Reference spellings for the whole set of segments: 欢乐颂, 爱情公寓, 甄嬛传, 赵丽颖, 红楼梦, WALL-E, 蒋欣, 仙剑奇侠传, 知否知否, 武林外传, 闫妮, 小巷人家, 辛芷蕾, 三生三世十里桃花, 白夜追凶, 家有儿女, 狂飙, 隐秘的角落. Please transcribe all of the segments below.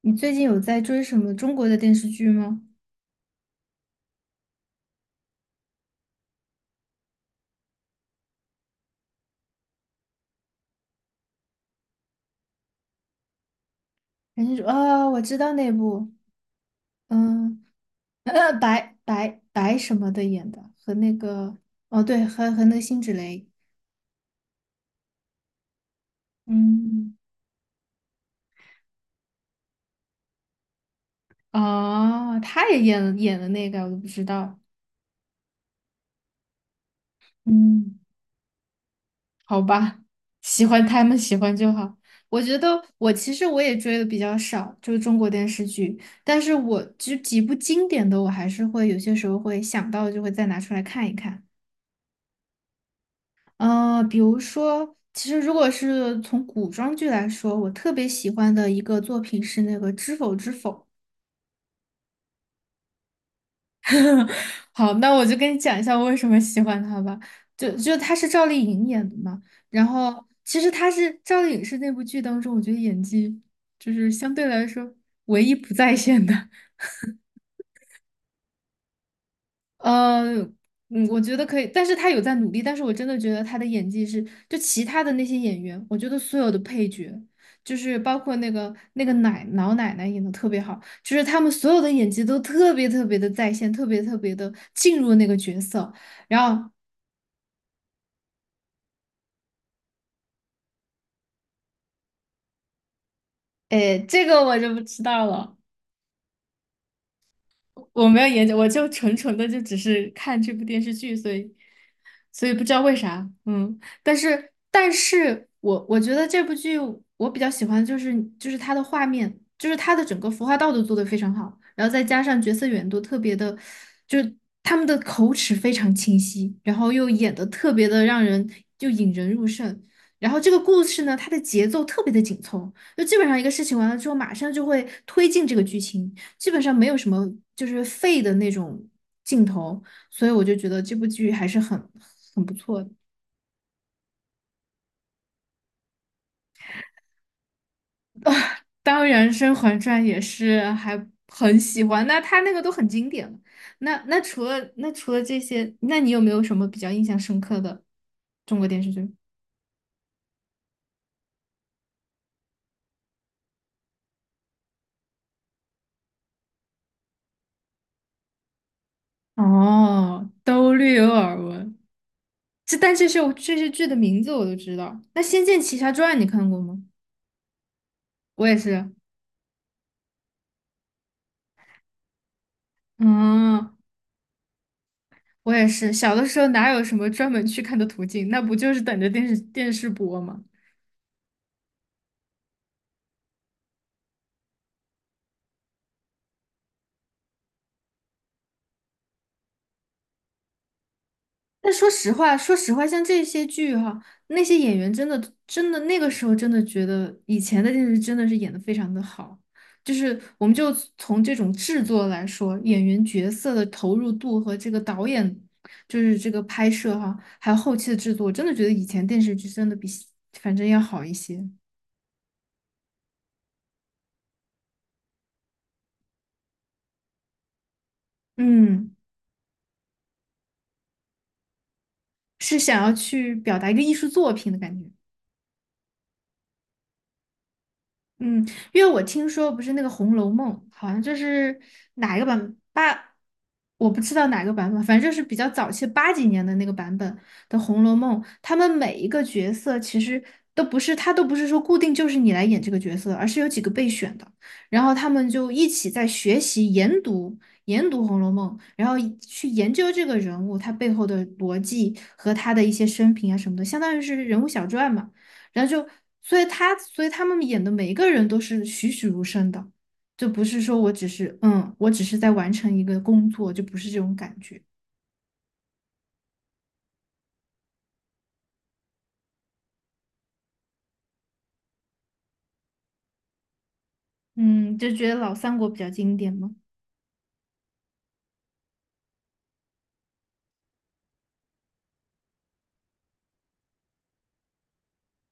你最近有在追什么中国的电视剧吗？人家说啊，我知道那部，嗯，白什么的演的，和那个，哦，对，和那个辛芷蕾，嗯，哦，他也演了那个，我都不知道，嗯，好吧，喜欢他们喜欢就好。我觉得其实我也追的比较少，就是中国电视剧，但是我就几部经典的，我还是会有些时候会想到，就会再拿出来看一看。比如说，其实如果是从古装剧来说，我特别喜欢的一个作品是那个《知否知否》。好，那我就跟你讲一下我为什么喜欢他吧。就他是赵丽颖演的嘛，然后其实赵丽颖是那部剧当中，我觉得演技就是相对来说唯一不在线的。呃，我觉得可以，但是他有在努力，但是我真的觉得他的演技是，就其他的那些演员，我觉得所有的配角，就是包括那个老奶奶演的特别好，就是他们所有的演技都特别特别的在线，特别特别的进入那个角色。然后，哎，这个我就不知道了，我没有研究，我就纯纯的就只是看这部电视剧，所以不知道为啥，嗯，但是我觉得这部剧我比较喜欢就是它的画面，就是它的整个服化道都做的非常好，然后再加上角色远度特别的，就是他们的口齿非常清晰，然后又演的特别的让人就引人入胜。然后这个故事呢，它的节奏特别的紧凑，就基本上一个事情完了之后，马上就会推进这个剧情。基本上没有什么就是废的那种镜头，所以我就觉得这部剧还是很不错的当然，《甄嬛传》也是还很喜欢，那它那个都很经典了那除了这些，那你有没有什么比较印象深刻的中国电视剧？哦，都略有耳闻。但这些剧的名字我都知道。那《仙剑奇侠传》你看过吗？我也是。嗯，我也是，小的时候哪有什么专门去看的途径？那不就是等着电视播吗？但说实话，像这些剧哈、那些演员真的真的那个时候真的觉得以前的电视真的是演的非常的好，就是我们就从这种制作来说，演员角色的投入度和这个导演就是这个拍摄哈、还有后期的制作，真的觉得以前电视剧真的比反正要好一些。嗯，是想要去表达一个艺术作品的感觉。嗯，因为我听说不是那个《红楼梦》，好像就是哪一个版八，我不知道哪个版本，反正就是比较早期八几年的那个版本的《红楼梦》，他们每一个角色其实都不是，他都不是说固定就是你来演这个角色，而是有几个备选的，然后他们就一起在学习研读《红楼梦》，然后去研究这个人物他背后的逻辑和他的一些生平啊什么的，相当于是人物小传嘛。然后就，所以他们演的每一个人都是栩栩如生的，就不是说我只是在完成一个工作，就不是这种感觉。嗯，就觉得老三国比较经典嘛。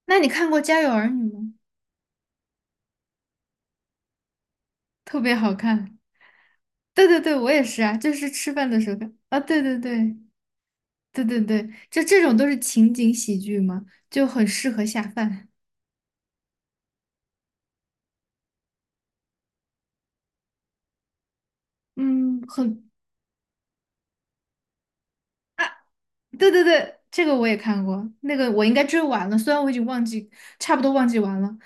那你看过《家有儿女》吗？特别好看。对对对，我也是啊，就是吃饭的时候看啊。对对对对对对，就这种都是情景喜剧嘛，就很适合下饭。嗯，对对对，这个我也看过，那个我应该追完了，虽然我已经忘记，差不多忘记完了。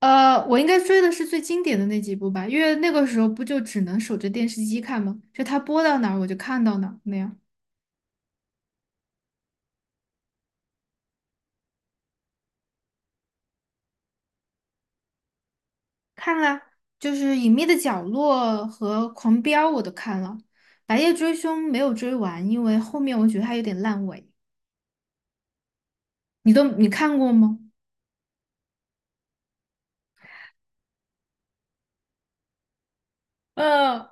我应该追的是最经典的那几部吧，因为那个时候不就只能守着电视机看吗？就它播到哪儿我就看到哪儿那样。看啦，就是《隐秘的角落》和《狂飙》我都看了，《白夜追凶》没有追完，因为后面我觉得它有点烂尾。你看过吗？嗯，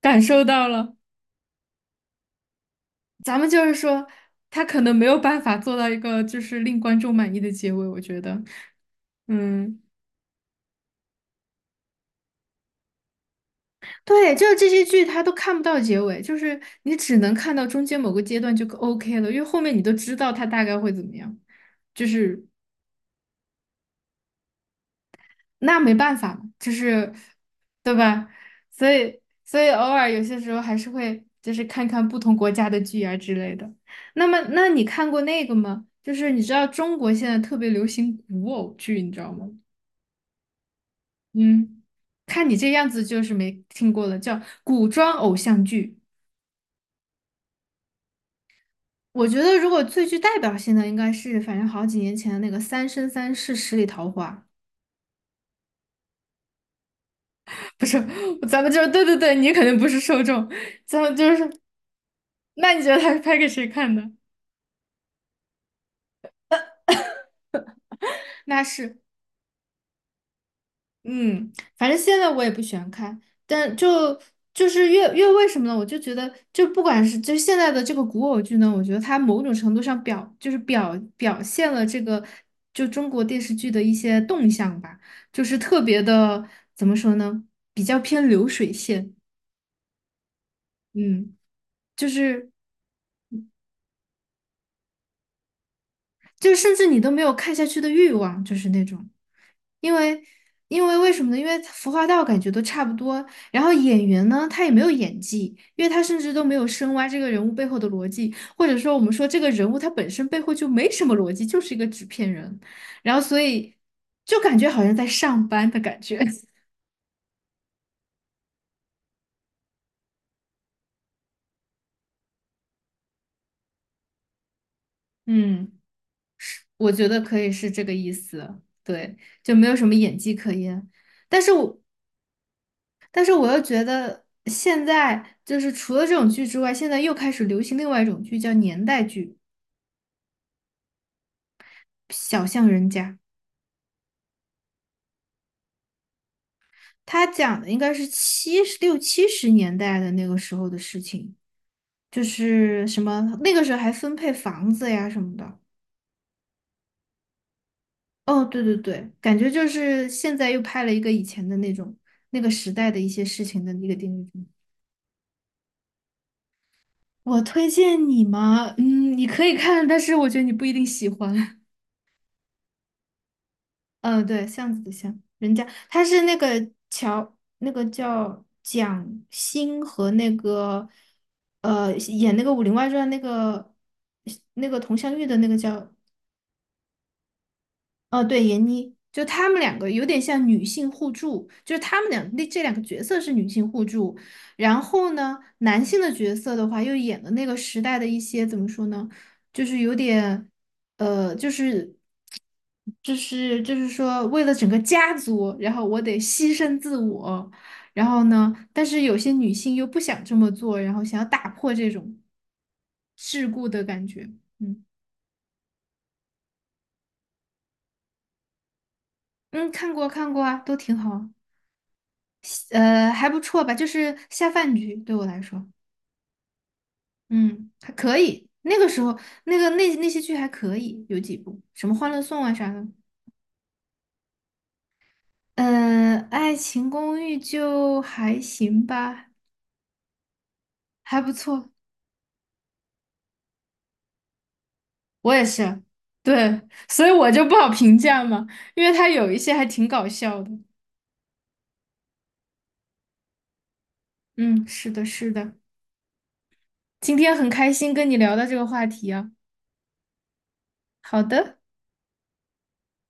感受到了。咱们就是说，他可能没有办法做到一个就是令观众满意的结尾，我觉得。嗯。对，就是这些剧它都看不到结尾，就是你只能看到中间某个阶段就 OK 了，因为后面你都知道它大概会怎么样，就是那没办法嘛，就是对吧？所以偶尔有些时候还是会就是看看不同国家的剧啊之类的。那么，那你看过那个吗？就是你知道中国现在特别流行古偶剧，你知道吗？嗯，看你这样子就是没听过了，叫古装偶像剧。我觉得如果最具代表性的，应该是反正好几年前的那个《三生三世十里桃花》，不是，咱们就是对对对，你肯定不是受众，咱们就是，那你觉得他是拍给谁看的？那是嗯，反正现在我也不喜欢看，但就就是越越为什么呢？我就觉得，就不管是就是现在的这个古偶剧呢，我觉得它某种程度上表现了这个就中国电视剧的一些动向吧，就是特别的怎么说呢？比较偏流水线，嗯，就是。就甚至你都没有看下去的欲望，就是那种，因为因为为什么呢？因为服化道感觉都差不多，然后演员呢，他也没有演技，因为他甚至都没有深挖这个人物背后的逻辑，或者说我们说这个人物他本身背后就没什么逻辑，就是一个纸片人，然后所以就感觉好像在上班的感觉，嗯，我觉得可以是这个意思，对，就没有什么演技可言。但是我但是我又觉得现在就是除了这种剧之外，现在又开始流行另外一种剧，叫年代剧，《小巷人家》。它讲的应该是六七十年代的那个时候的事情，就是什么那个时候还分配房子呀什么的。哦，对对对，感觉就是现在又拍了一个以前的那种那个时代的一些事情的一个电视剧。我推荐你吗？嗯，你可以看，但是我觉得你不一定喜欢。嗯，对，巷子的巷，人家他是那个那个叫蒋欣和那个演那个《武林外传》那个佟湘玉的那个叫哦，对，闫妮，就她们两个有点像女性互助，就是她们两那这两个角色是女性互助。然后呢，男性的角色的话，又演了那个时代的一些怎么说呢，就是有点，呃，就是就是说,为了整个家族，然后我得牺牲自我。然后呢，但是有些女性又不想这么做，然后想要打破这种桎梏的感觉。嗯嗯，看过看过啊，都挺好啊。还不错吧，就是下饭剧对我来说，嗯，还可以。那个时候，那些剧还可以，有几部，什么《欢乐颂》啊啥的。爱情公寓》就还行吧，还不错。我也是，对，所以我就不好评价嘛，因为它有一些还挺搞笑的。嗯，是的，是的。今天很开心跟你聊到这个话题啊。好的。